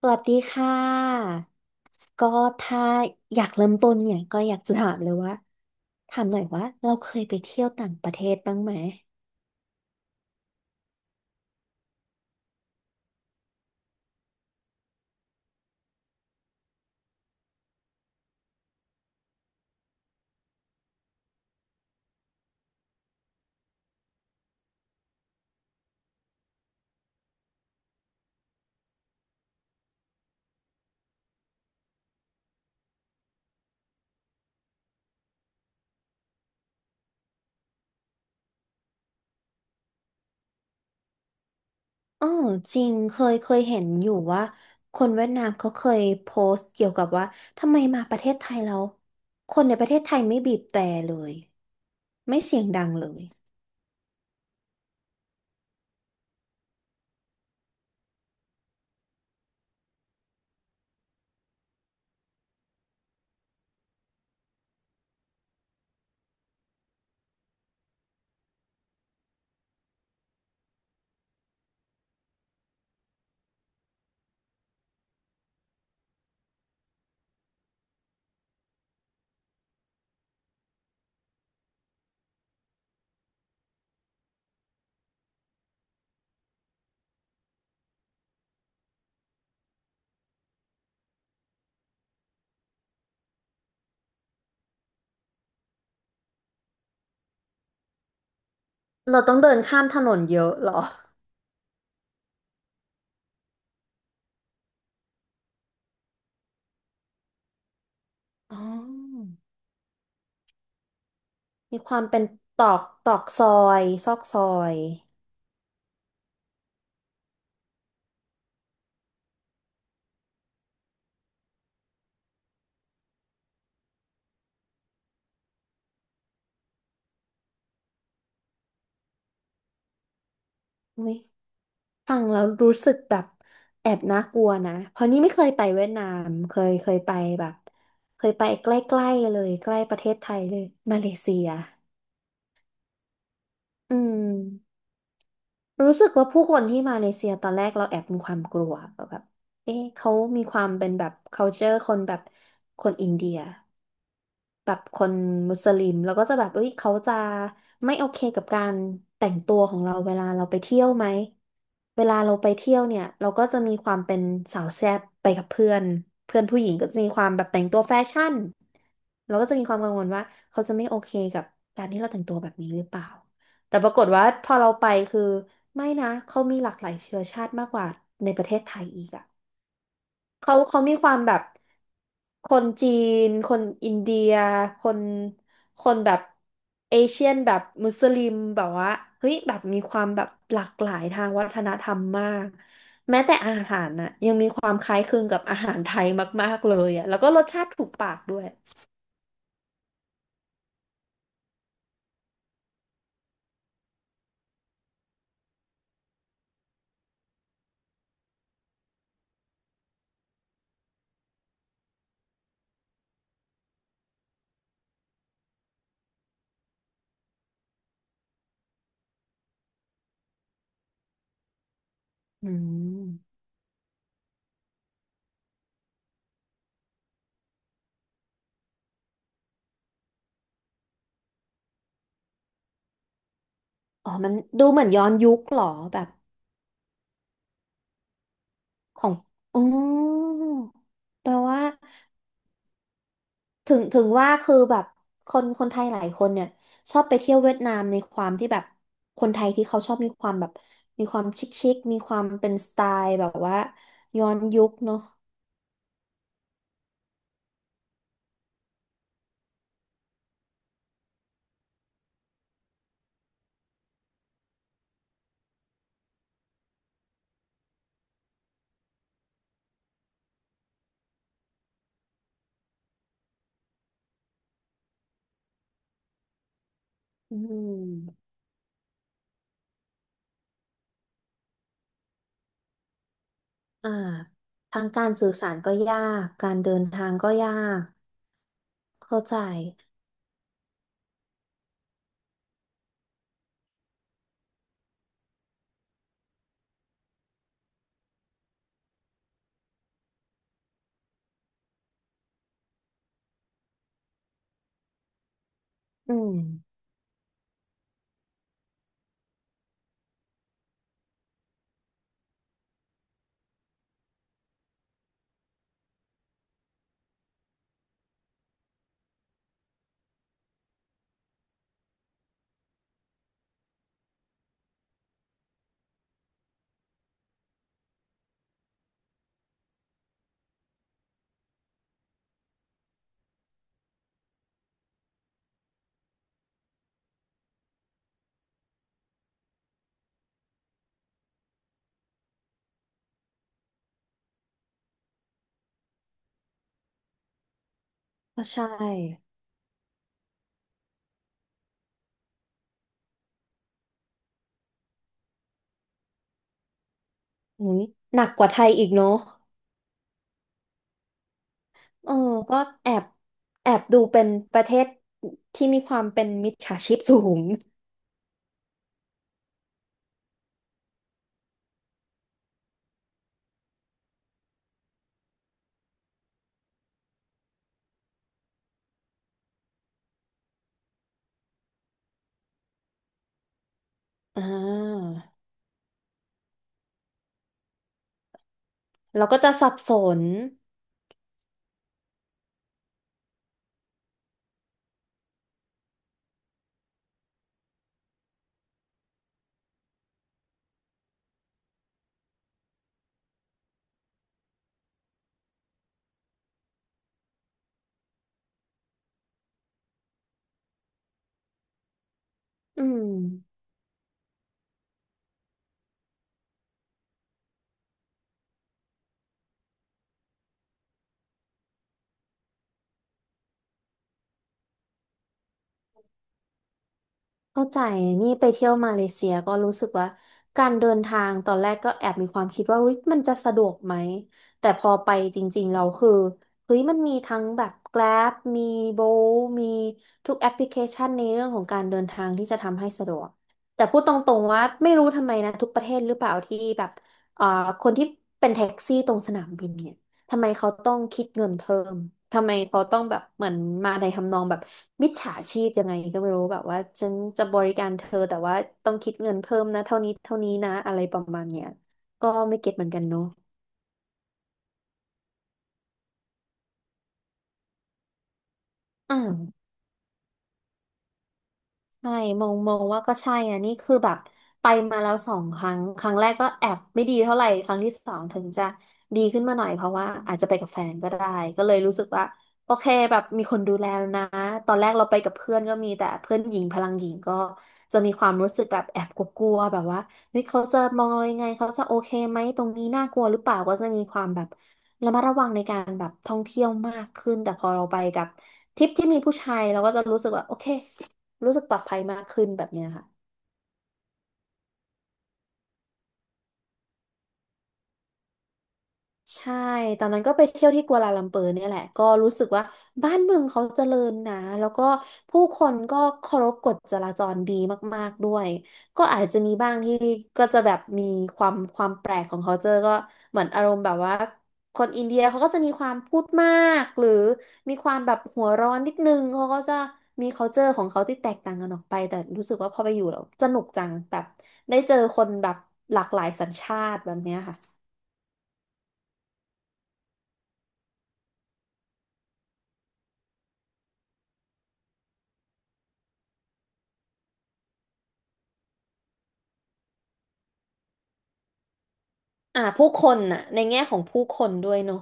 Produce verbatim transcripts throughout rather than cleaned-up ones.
สวัสดีค่ะก็ถ้าอยากเริ่มต้นเนี่ยก็อยากจะถามเลยว่าถามหน่อยว่าเราเคยไปเที่ยวต่างประเทศบ้างไหมอ๋อจริงเคยเคยเห็นอยู่ว่าคนเวียดนามเขาเคยโพสต์เกี่ยวกับว่าทำไมมาประเทศไทยเราคนในประเทศไทยไม่บีบแตรเลยไม่เสียงดังเลยเราต้องเดินข้ามถนนเยอะเหรออ๋อมีความเป็นตอกตอกซอยซอกซอยอุ๊ย ฟังแล้วรู้สึกแบบแอบน่ากลัวนะเพราะนี่ไม่เคยไปเวียดนามเคยเคยไปแบบเคยไปใกล้ๆเลยใกล้ประเทศไทยเลยมาเลเซียอืมรู้สึกว่าผู้คนที่มาเลเซียตอนแรกเราแอบมีความกลัวแบบเอ๊ะเขามีความเป็นแบบ culture คนแบบคนอินเดีย แบบคนมุสลิมแล้วก็จะแบบเอ้ยเขาจะไม่โอเคกับการแต่งตัวของเราเวลาเราไปเที่ยวไหมเวลาเราไปเที่ยวเนี่ยเราก็จะมีความเป็นสาวแซ่บไปกับเพื่อนเพื่อนผู้หญิงก็จะมีความแบบแต่งตัวแฟชั่นเราก็จะมีความกังวลว่าเขาจะไม่โอเคกับการที่เราแต่งตัวแบบนี้หรือเปล่าแต่ปรากฏว่าพอเราไปคือไม่นะเขามีหลากหลายเชื้อชาติมากกว่าในประเทศไทยอีกอะ เขาเขามีความแบบคนจีนคนอินเดียคนคนแบบเอเชียนแบบมุสลิมแบบว่าเฮ้ยแบบมีความแบบหลากหลายทางวัฒนธรรมมากแม้แต่อาหารน่ะยังมีความคล้ายคลึงกับอาหารไทยมากๆเลยอ่ะแล้วก็รสชาติถูกปากด้วยอืมอ๋อมันดูเหมือนย้อนยุคเหรอแบบของอ๋อแปลว่า ถึงถึงว่าคือแบบคนคนไทยหลายคนเนี่ยชอบไปเที่ยวเวียดนามในความที่แบบคนไทยที่เขาชอบมีความแบบมีความชิคชิคมีความเป็นสไตล์แบบว่าย้อนยุคเนาะอืมอ่าทางการสื่อสารก็ยากการเดินทางก็ยากเข้าใจอืมก็ใช่อุยหนักกว่าไทยอีกเนาะเออก็แอบแอบดูเป็นประเทศที่มีความเป็นมิจฉาชีพสูงอ่า เราก็จะสับสนอืมเข้าใจ นี่ไปเที่ยวมาเลเซียก็รู้สึกว่าการเดินทางตอนแรกก็แอบมีความคิดว่าเฮ้ยมันจะสะดวกไหม แต่พอไปจริงๆเราคือเฮ้ยมันมีทั้งแบบ Grab มี Bolt มีทุกแอปพลิเคชันในเรื่องของการเดินทางที่จะทำให้สะดวก แต่พูดตรงๆว่าไม่รู้ทำไมนะทุกประเทศหรือเปล่าที่แบบเอ่อคนที่เป็นแท็กซี่ตรงสนามบินเนี่ย ทำไมเขาต้องคิดเงินเพิ่มทำไมเขาต้องแบบเหมือนมาในทำนองแบบมิจฉาชีพยังไงก็ไม่รู้แบบว่าฉันจะบริการเธอแต่ว่าต้องคิดเงินเพิ่มนะเท่านี้เท่านี้นะอะไรประมาณเนี้ยก็ไม่เก็ตเหมือนกันเนาะอืม ใช่มอง มองว่าก็ใช่อ่ะนี่คือแบบไปมาแล้วสองครั้ง ครั้งแรกก็แอบไม่ดีเท่าไหร่ครั้งที่สองถึงจะ ดีขึ้นมาหน่อย เพราะว่า อาจจะไปกับแฟนก็ได้ ก็เลยรู้สึกว่า โอเค แบบ มีคนดูแลแล้วนะ ตอนแรกเราไปกับเพื่อนก็มี แต่เพื่อนหญิง พลังหญิงก็ จะมีความรู้สึกแบบแอบกลัวๆแบบว่าเฮ้ยเขาจะมองเรายังไงเขาจะโอเคไหมตรงนี้น่ากลัวหรือเปล่าก็จะมีความแบบระมัดระวังในการแบบท่องเที่ยวมากขึ้นแต่พอเราไปกับทริปที่มีผู้ชายเราก็จะรู้สึกว่าโอเค รู้สึกปลอดภัยมากขึ้นแบบเนี้ยค่ะ ใช่ ตอนนั้นก็ไปเที่ยวที่กัวลาลัมเปอร์เนี่ยแหละก็รู้สึกว่าบ้านเมืองเขาเจริญนะแล้วก็ผู้คนก็เคารพกฎจราจรดีมากๆด้วยก็อาจจะมีบ้างที่ก็จะแบบมีความความแปลกของเขาเจอก็เหมือนอารมณ์แบบว่าคนอินเดียเขาก็จะมีความพูดมากหรือมีความแบบหัวร้อนนิดนึงเขาก็จะมี culture ของเขาที่แตกต่างกันออกไปแต่รู้สึกว่าพอไปอยู่แล้วสนุกจังแบบได้เจอคนแบบหลากหลายสัญชาติแบบเนี้ยค่ะ อ่าผู้คนน่ะในแง่ของผู้คนด้วยเนาะ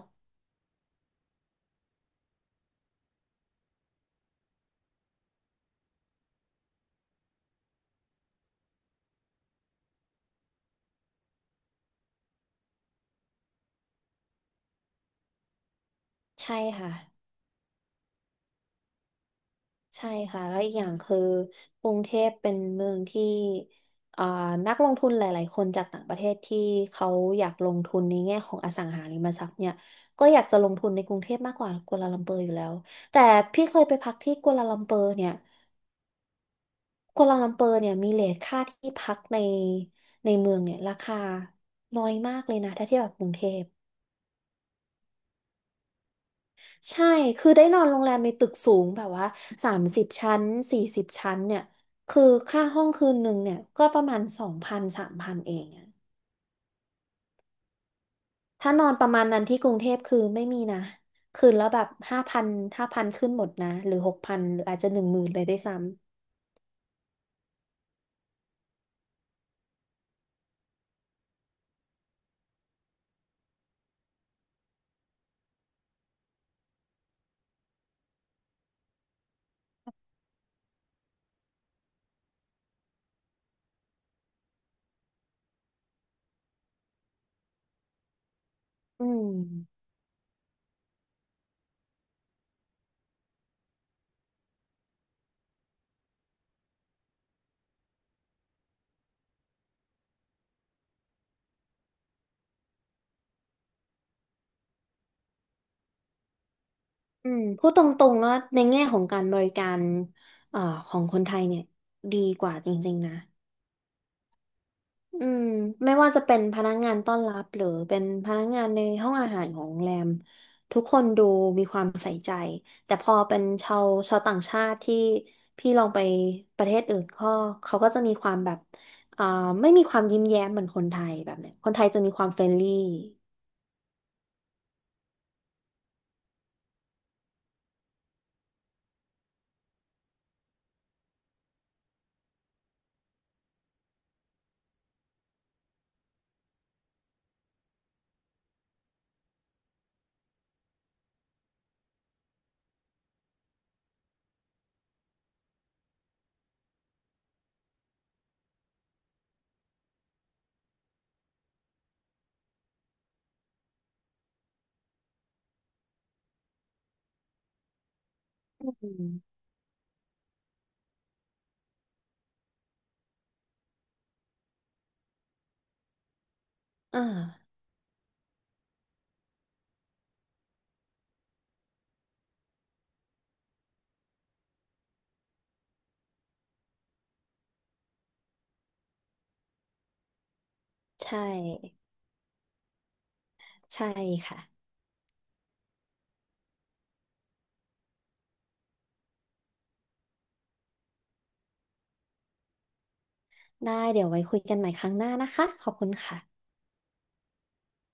ใช่ค่ะใช่ค่ะแล้วอีกอย่างคือกรุงเทพเป็นเมืองที่อ่านักลงทุนหลายๆคนจากต่างประเทศที่เขาอยากลงทุนในแง่ของอสังหาริมทรัพย์เนี่ยก็อยากจะลงทุนในกรุงเทพมากกว่ากัวลาลัมเปอร์อยู่แล้วแต่พี่เคยไปพักที่กัวลาลัมเปอร์เนี่ยกัวลาลัมเปอร์เนี่ยมีเรทค่าที่พักในในเมืองเนี่ยราคาน้อยมากเลยนะถ้าเทียบกับกรุงเทพ ใช่ คือได้นอนโรงแรมในตึกสูงแบบว่าสามสิบชั้นสี่สิบชั้นเนี่ย คือค่าห้องคืนหนึ่งเนี่ยก็ประมาณสองพันสามพันเองอะถ้านอนประมาณนั้นที่กรุงเทพคือไม่มีนะ คืนแล้วแบบห้าพันห้าพันขึ้นหมดนะหรือหกพันหรืออาจจะหนึ่งหมื่นเลยได้วยซ้ำ อืม อืมพูดตรงๆแล้วในแง่ของการบริการเอ่อของคนไทยเนี่ยดีกว่าจริงๆนะ อืมไม่ว่าจะเป็นพนักงานต้อนรับหรือเป็นพนักงานในห้องอาหารของโรงแรมทุกคนดูมีความใส่ใจแต่พอเป็นชาวชาวต่างชาติที่พี่ลองไปประเทศอื่นก็เขาก็จะมีความแบบอ่าไม่มีความยิ้มแย้มเหมือนคนไทยแบบเนี้ยคนไทยจะมีความเฟรนลี่อืมอ่าใช่ใช่ค่ะได้เดี๋ยวไว้คุยกันใหม่ครั้งหน้านะคะขอบคุณค่ะ